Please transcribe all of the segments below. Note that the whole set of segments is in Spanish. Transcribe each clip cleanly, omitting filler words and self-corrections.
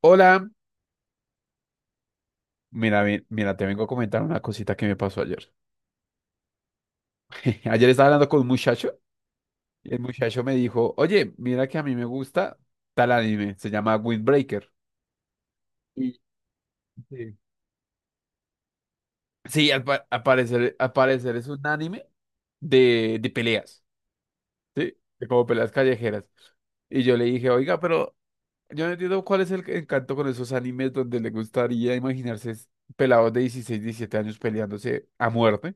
Hola, mira, te vengo a comentar una cosita que me pasó ayer. Ayer estaba hablando con un muchacho y el muchacho me dijo, oye, mira que a mí me gusta tal anime, se llama Windbreaker. Y- Sí, sí, al parecer es un anime de peleas, ¿sí? De como peleas callejeras. Y yo le dije, oiga, pero yo no entiendo cuál es el encanto con esos animes donde le gustaría imaginarse pelados de 16, 17 años peleándose a muerte,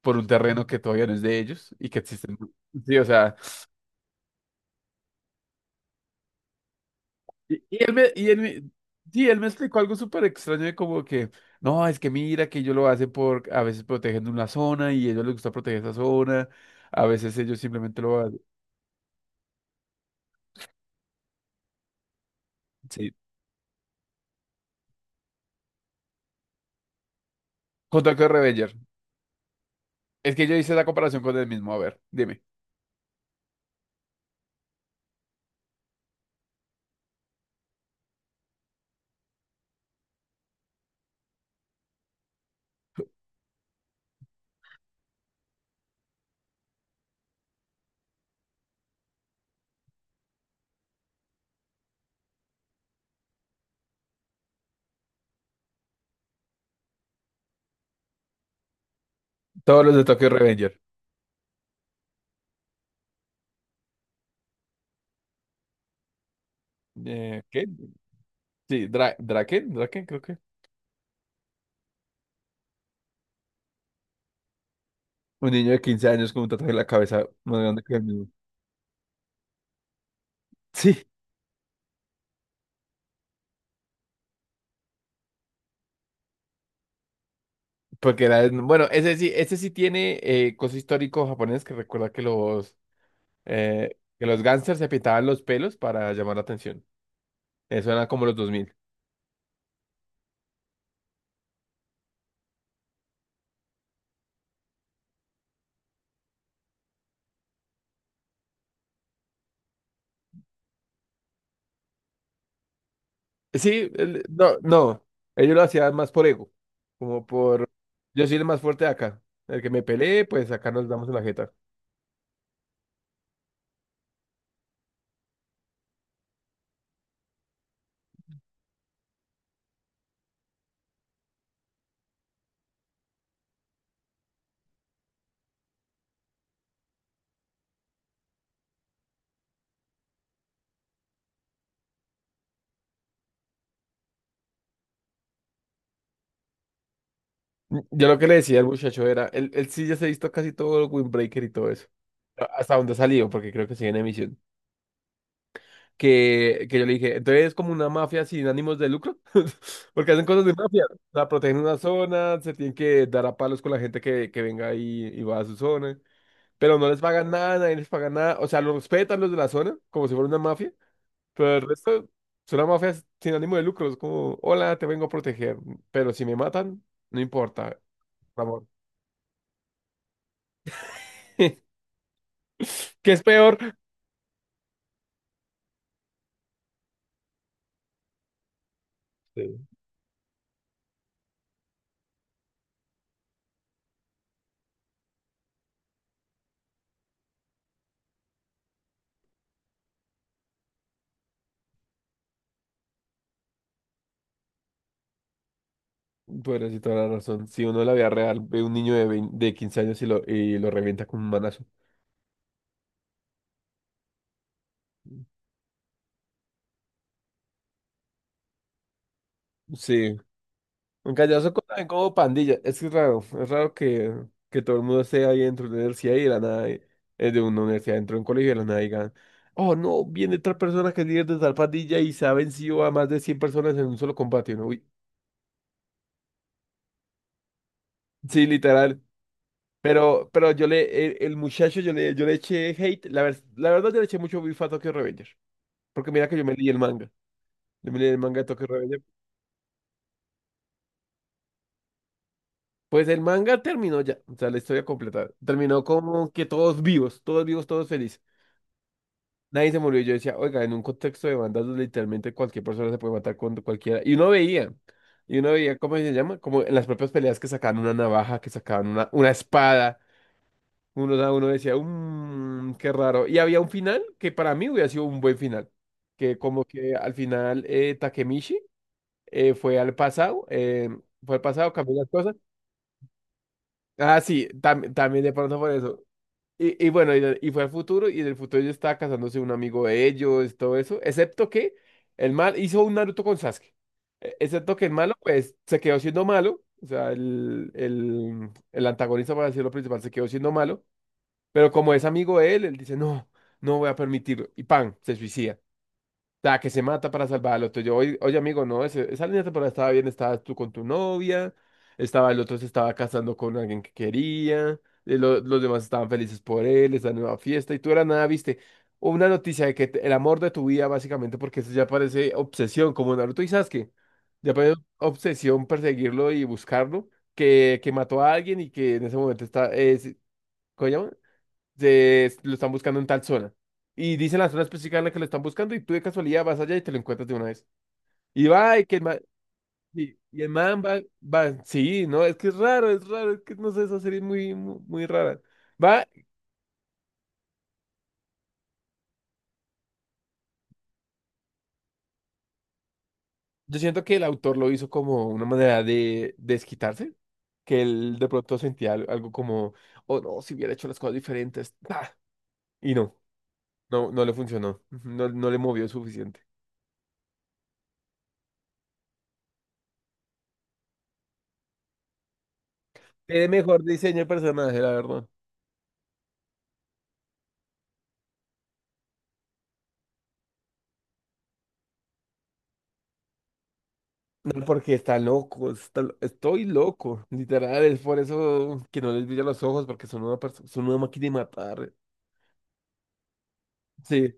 por un terreno que todavía no es de ellos y que existen. Sí, o sea, y, y él me, y él me- sí, él me explicó algo súper extraño de como que, no, es que mira que ellos lo hacen por, a veces protegiendo una zona y a ellos les gusta proteger esa zona, a veces ellos simplemente lo hacen. Sí. Con Tokyo Revenger. Es que yo hice la comparación con él mismo, a ver, dime. Todos los de Tokyo Revenger. ¿Qué? Sí, Draken creo que. Un niño de 15 años con un tatuaje en la cabeza más grande que el mío. Sí. Porque era, bueno, ese sí tiene coso histórico japonés que recuerda que que los gangsters se pintaban los pelos para llamar la atención. Eso era como los 2000. Sí, no, no, ellos lo hacían más por ego, como por, yo soy el más fuerte de acá, el que me peleé, pues acá nos damos en la jeta. Yo lo que le decía al muchacho era, él sí ya se ha visto casi todo el Windbreaker y todo eso, hasta donde ha salido, porque creo que sigue en emisión. Que yo le dije, entonces es como una mafia sin ánimos de lucro, porque hacen cosas de mafia, o sea, protegen una zona, se tienen que dar a palos con la gente que venga y va a su zona, pero no les pagan nada, nadie les paga nada, o sea, los respetan los de la zona, como si fuera una mafia, pero el resto son una mafia sin ánimo de lucro, es como, hola, te vengo a proteger, pero si me matan, no importa, amor. ¿Qué es peor? Sí. Bueno, sí, toda la razón. Si uno en la vida real ve un niño de 15 años y lo revienta con un manazo. Sí, en Callazo también como pandilla. Es que es raro que todo el mundo esté ahí dentro de una universidad y de la nada, dentro de un colegio y de la nada digan, oh no, viene otra persona que es líder de tal pandilla y se ha vencido a más de 100 personas en un solo combate, ¿no? Uy. Sí, literal. Pero el muchacho, yo le eché hate. La verdad, yo le eché mucho beef a Tokyo Revenger. Porque mira que yo me leí el manga. Yo me leí el manga de Tokyo Revenger. Pues el manga terminó ya, o sea, la historia completa. Terminó como que todos vivos, todos vivos, todos felices. Nadie se murió. Y yo decía, oiga, en un contexto de bandas donde literalmente cualquier persona se puede matar con cualquiera. Y uno veía, ¿cómo se llama? Como en las propias peleas que sacaban una navaja, que sacaban una espada. Uno decía, qué raro. Y había un final que para mí hubiera sido un buen final. Que como que al final Takemichi eh, fue al pasado, eh, fue al pasado, cambió las cosas. Ah, sí, también de pronto por eso. Y bueno, y fue al futuro, y en el futuro ya estaba casándose un amigo de ellos, todo eso, excepto que el mal hizo un Naruto con Sasuke. Excepto que el malo, pues, se quedó siendo malo, o sea, el antagonista, para decirlo principal, se quedó siendo malo, pero como es amigo de él, él dice, no, no voy a permitirlo, y ¡pam! Se suicida. La que se mata para salvar al otro. Yo, oye, oye, amigo, no, esa línea temporal estaba bien, estabas tú con tu novia, estaba el otro se estaba casando con alguien que quería, los demás estaban felices por él, esa nueva fiesta, y tú era nada, viste, una noticia de que el amor de tu vida, básicamente, porque eso ya parece obsesión, como Naruto y Sasuke, ya parece obsesión perseguirlo y buscarlo, que mató a alguien y que en ese momento está, es, ¿cómo se llama? Lo están buscando en tal zona. Y dicen la zona específica en la que lo están buscando y tú de casualidad vas allá y te lo encuentras de una vez. Y va, y que el man, y el man va, sí, no, es que es raro, es raro, es que no sé, esa serie es muy, muy, muy rara. Va, yo siento que el autor lo hizo como una manera de desquitarse, que él de pronto sentía algo como, oh no, si hubiera hecho las cosas diferentes, ah, y no, no le funcionó, no le movió suficiente. Tiene mejor diseño de personaje, la verdad. No, porque está loco, estoy loco, literal, es por eso que no les brilla los ojos, porque son una máquina de matar, sí,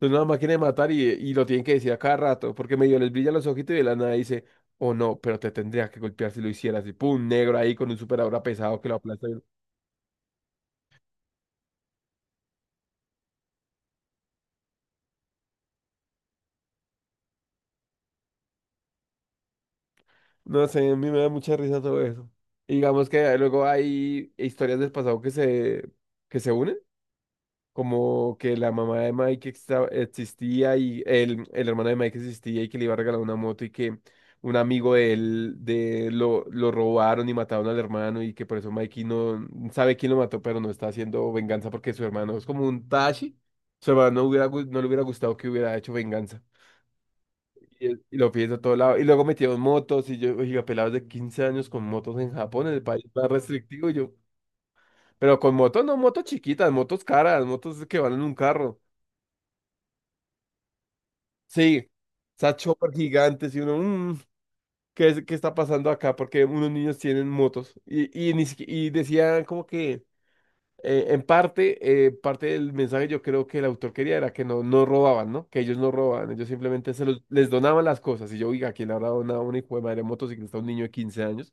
son una máquina de matar y lo tienen que decir a cada rato, porque medio les brilla los ojitos y de la nada dice, oh no, pero te tendría que golpear si lo hicieras, y pum, negro ahí con un super aura pesado que lo aplasta, no sé, a mí me da mucha risa todo eso, y digamos que luego hay historias del pasado que se unen, como que la mamá de Mike existía y el hermano de Mike existía y que le iba a regalar una moto y que un amigo de él lo robaron y mataron al hermano y que por eso Mikey no sabe quién lo mató, pero no está haciendo venganza porque su hermano es como un Tashi. Su hermano no le hubiera gustado que hubiera hecho venganza. Y lo piensa a todo lado. Y luego metieron motos y yo, oiga, pelados de 15 años con motos en Japón, en el país más restrictivo. Y yo, pero con motos no, motos chiquitas, motos caras, motos que van en un carro. Sí, esa chopper gigantes y uno, ¿qué está pasando acá? Porque unos niños tienen motos. Y, ni siqui- y decían como que, en parte, parte del mensaje yo creo que el autor quería era que no, no robaban, ¿no? Que ellos no robaban, ellos simplemente les donaban las cosas. Y yo, oiga, ¿quién le habrá donado una hijo de madre motociclista a un niño de 15 años?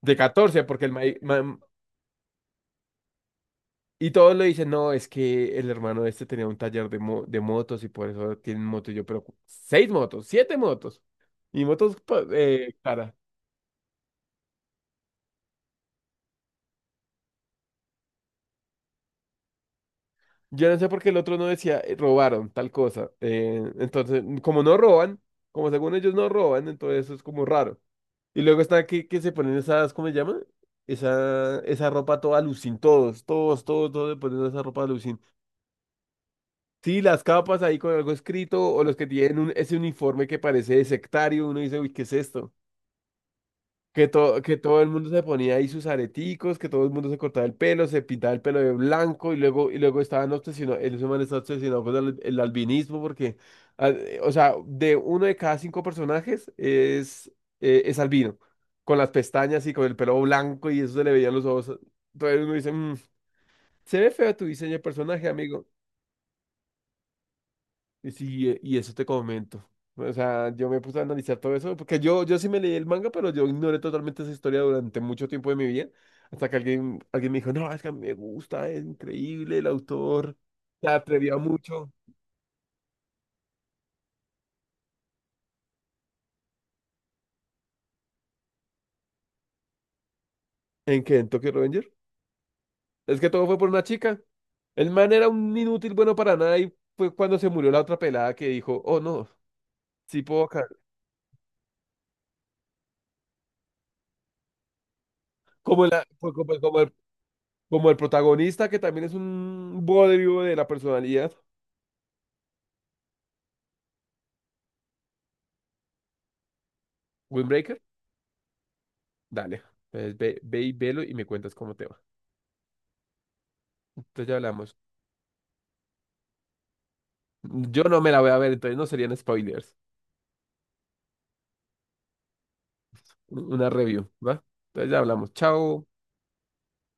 De 14, porque el. Y todos le dicen, no, es que el hermano de este tenía un taller de motos y por eso tienen motos. Y yo, pero seis motos, siete motos. Y motos cara. Yo no sé por qué el otro no decía, " robaron tal cosa. Entonces, como según ellos no roban, entonces eso es como raro. Y luego está que se ponen esas, ¿cómo se llama? Esa ropa toda alucin, todos se ponen esa ropa alucin. Sí, las capas ahí con algo escrito, o los que tienen ese uniforme que parece de sectario, uno dice, uy, ¿qué es esto? Que todo el mundo se ponía ahí sus areticos, que todo el mundo se cortaba el pelo, se pintaba el pelo de blanco y luego, estaban obsesionados, el man está obsesionado con el albinismo porque, o sea, de uno de cada cinco personajes es albino, con las pestañas y con el pelo blanco y eso se le veían los ojos. Entonces uno dice, " se ve feo tu diseño de personaje, amigo. Y sí, y eso te comento. O sea, yo me puse a analizar todo eso, porque yo sí me leí el manga, pero yo ignoré totalmente esa historia durante mucho tiempo de mi vida, hasta que alguien me dijo, no, es que a mí me gusta, es increíble, el autor se atrevía mucho. ¿En qué? ¿En Tokyo Revenger? Es que todo fue por una chica. El man era un inútil bueno para nada y fue cuando se murió la otra pelada que dijo, oh no, sí puedo ca-. Como, la, fue como, como el protagonista que también es un bodrio de la personalidad. Windbreaker. Dale, entonces ve, ve y velo y me cuentas cómo te va. Entonces ya hablamos. Yo no me la voy a ver, entonces no serían spoilers. Una review, ¿va? Entonces ya hablamos. Chao.